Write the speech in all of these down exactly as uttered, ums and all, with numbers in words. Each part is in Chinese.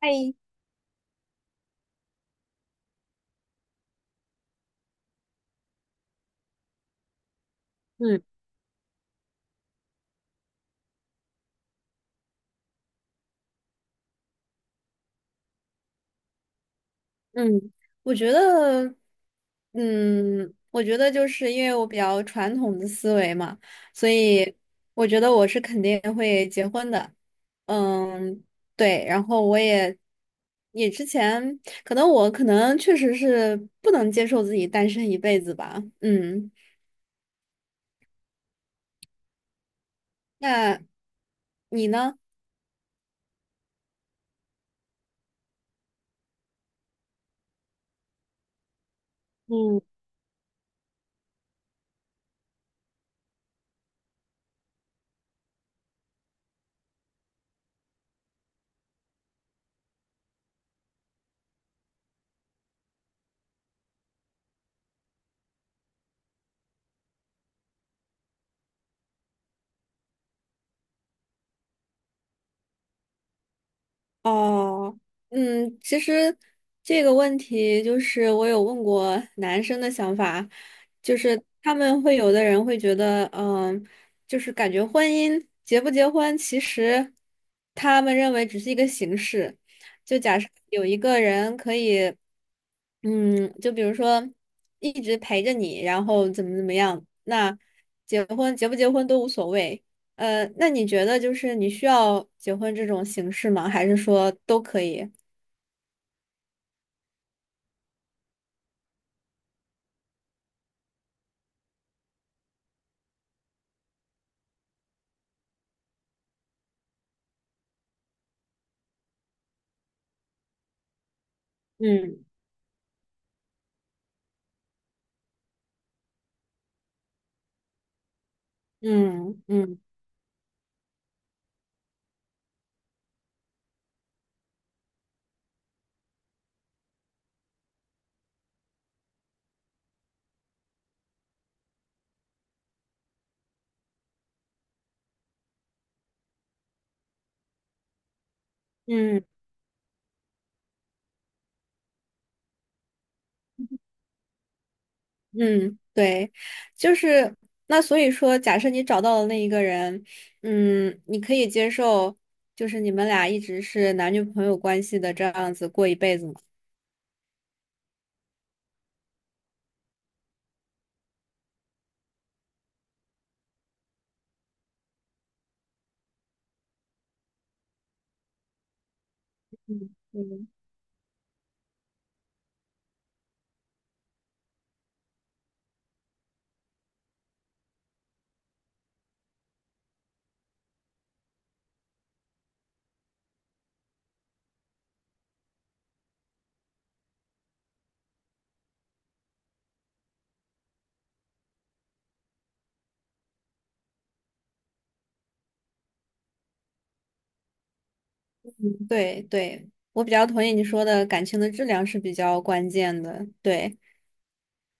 哎，嗯嗯，我觉得，嗯，我觉得就是因为我比较传统的思维嘛，所以我觉得我是肯定会结婚的。嗯，对，然后我也也之前可能我可能确实是不能接受自己单身一辈子吧。嗯，那你呢？嗯。哦，嗯，其实这个问题就是我有问过男生的想法，就是他们会有的人会觉得，嗯，就是感觉婚姻结不结婚，其实他们认为只是一个形式。就假设有一个人可以，嗯，就比如说一直陪着你，然后怎么怎么样，那结婚结不结婚都无所谓。呃，那你觉得就是你需要结婚这种形式吗？还是说都可以？嗯嗯嗯嗯嗯，对，就是那所以说，假设你找到了那一个人，嗯，你可以接受，就是你们俩一直是男女朋友关系的这样子过一辈子吗？嗯，对对，我比较同意你说的，感情的质量是比较关键的，对。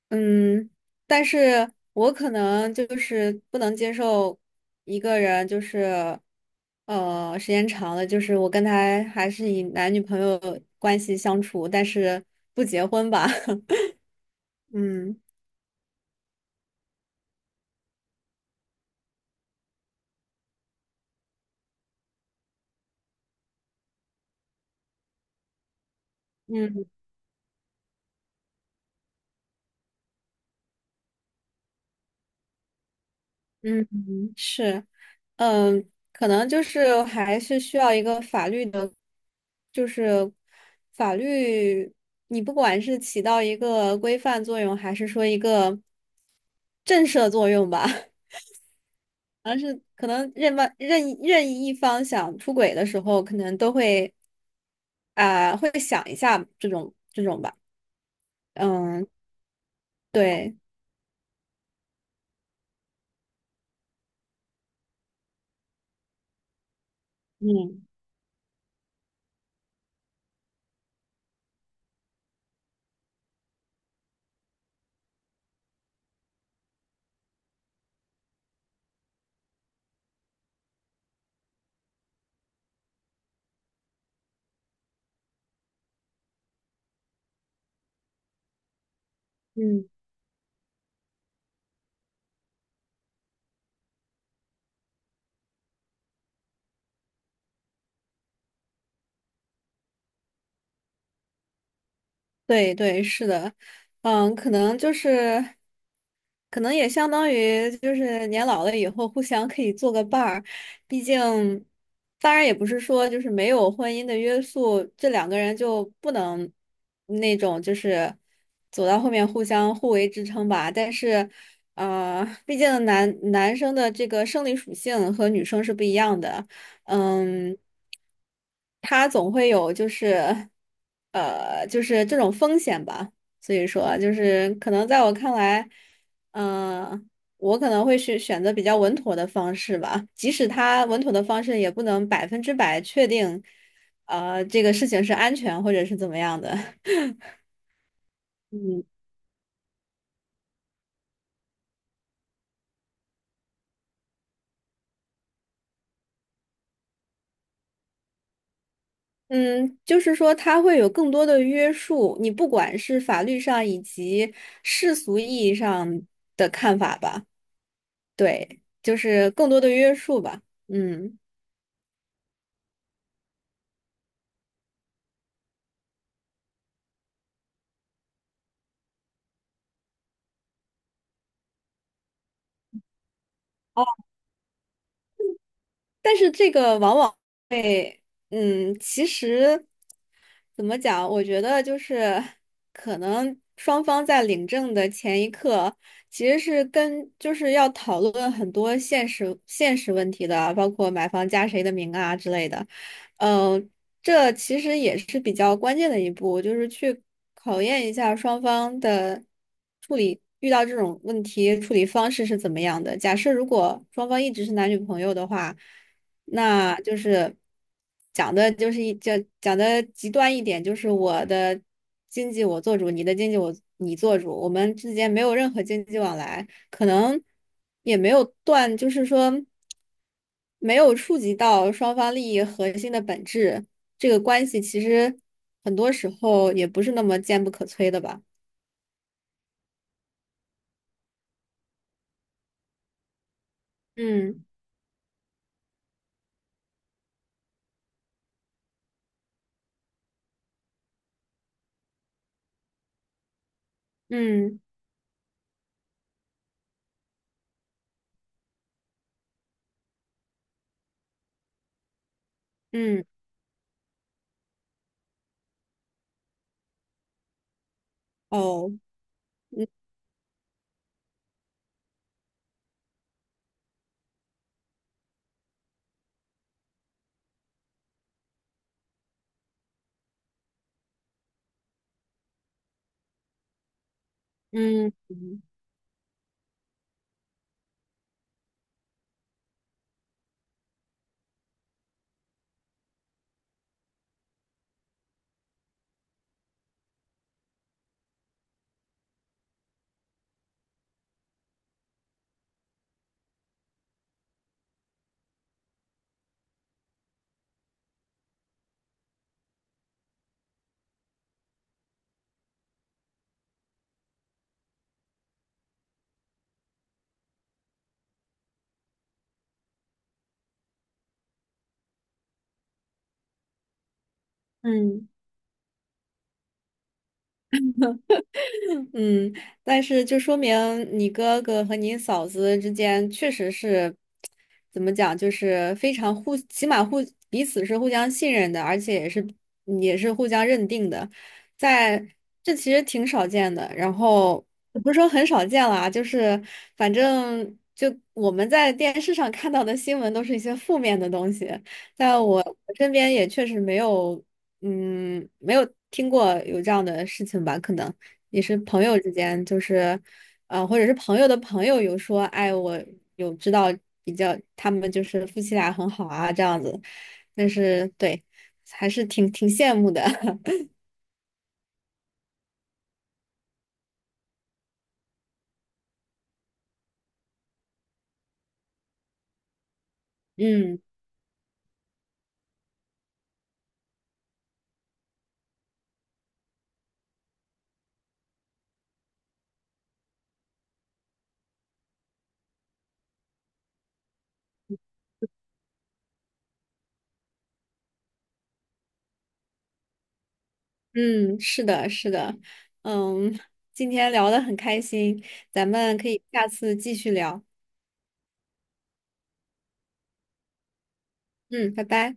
嗯，但是我可能就是不能接受一个人，就是呃，时间长了，就是我跟他还是以男女朋友关系相处，但是不结婚吧。嗯嗯嗯，嗯是，嗯，可能就是还是需要一个法律的，就是法律，你不管是起到一个规范作用，还是说一个震慑作用吧。而是可能任吧任意任意一方想出轨的时候，可能都会啊、会想一下这种这种吧。嗯，对，嗯嗯，对对，是的，嗯，可能就是。可能也相当于就是年老了以后互相可以做个伴儿，毕竟，当然也不是说就是没有婚姻的约束，这两个人就不能那种就是走到后面互相互为支撑吧。但是，呃，毕竟男男生的这个生理属性和女生是不一样的，嗯，他总会有就是呃就是这种风险吧。所以说，就是可能在我看来。嗯，我可能会去选择比较稳妥的方式吧，即使它稳妥的方式也不能百分之百确定，呃，这个事情是安全或者是怎么样的。嗯嗯，就是说它会有更多的约束，你不管是法律上以及世俗意义上的看法吧，对，就是更多的约束吧。嗯，但是这个往往。会，嗯，其实怎么讲？我觉得就是可能双方在领证的前一刻，其实是跟就是要讨论很多现实现实问题的，包括买房加谁的名啊之类的。嗯，这其实也是比较关键的一步，就是去考验一下双方的处理，遇到这种问题处理方式是怎么样的。假设如果双方一直是男女朋友的话。那就是讲的，就是一讲讲的极端一点，就是我的经济我做主，你的经济我你做主，我们之间没有任何经济往来，可能也没有断，就是说没有触及到双方利益核心的本质，这个关系其实很多时候也不是那么坚不可摧的吧。嗯嗯嗯，哦，嗯嗯嗯。嗯，但是就说明你哥哥和你嫂子之间确实是，怎么讲，就是非常互，起码互彼此是互相信任的，而且也是也是互相认定的，在这其实挺少见的。然后也不是说很少见啦，就是反正就我们在电视上看到的新闻都是一些负面的东西，在我我身边也确实没有，嗯，没有听过有这样的事情吧，可能。也是朋友之间，就是，呃，或者是朋友的朋友有说，哎，我有知道比较，他们就是夫妻俩很好啊，这样子，但是对，还是挺挺羡慕的。嗯嗯，是的，是的，嗯，今天聊得很开心，咱们可以下次继续聊。嗯，拜拜。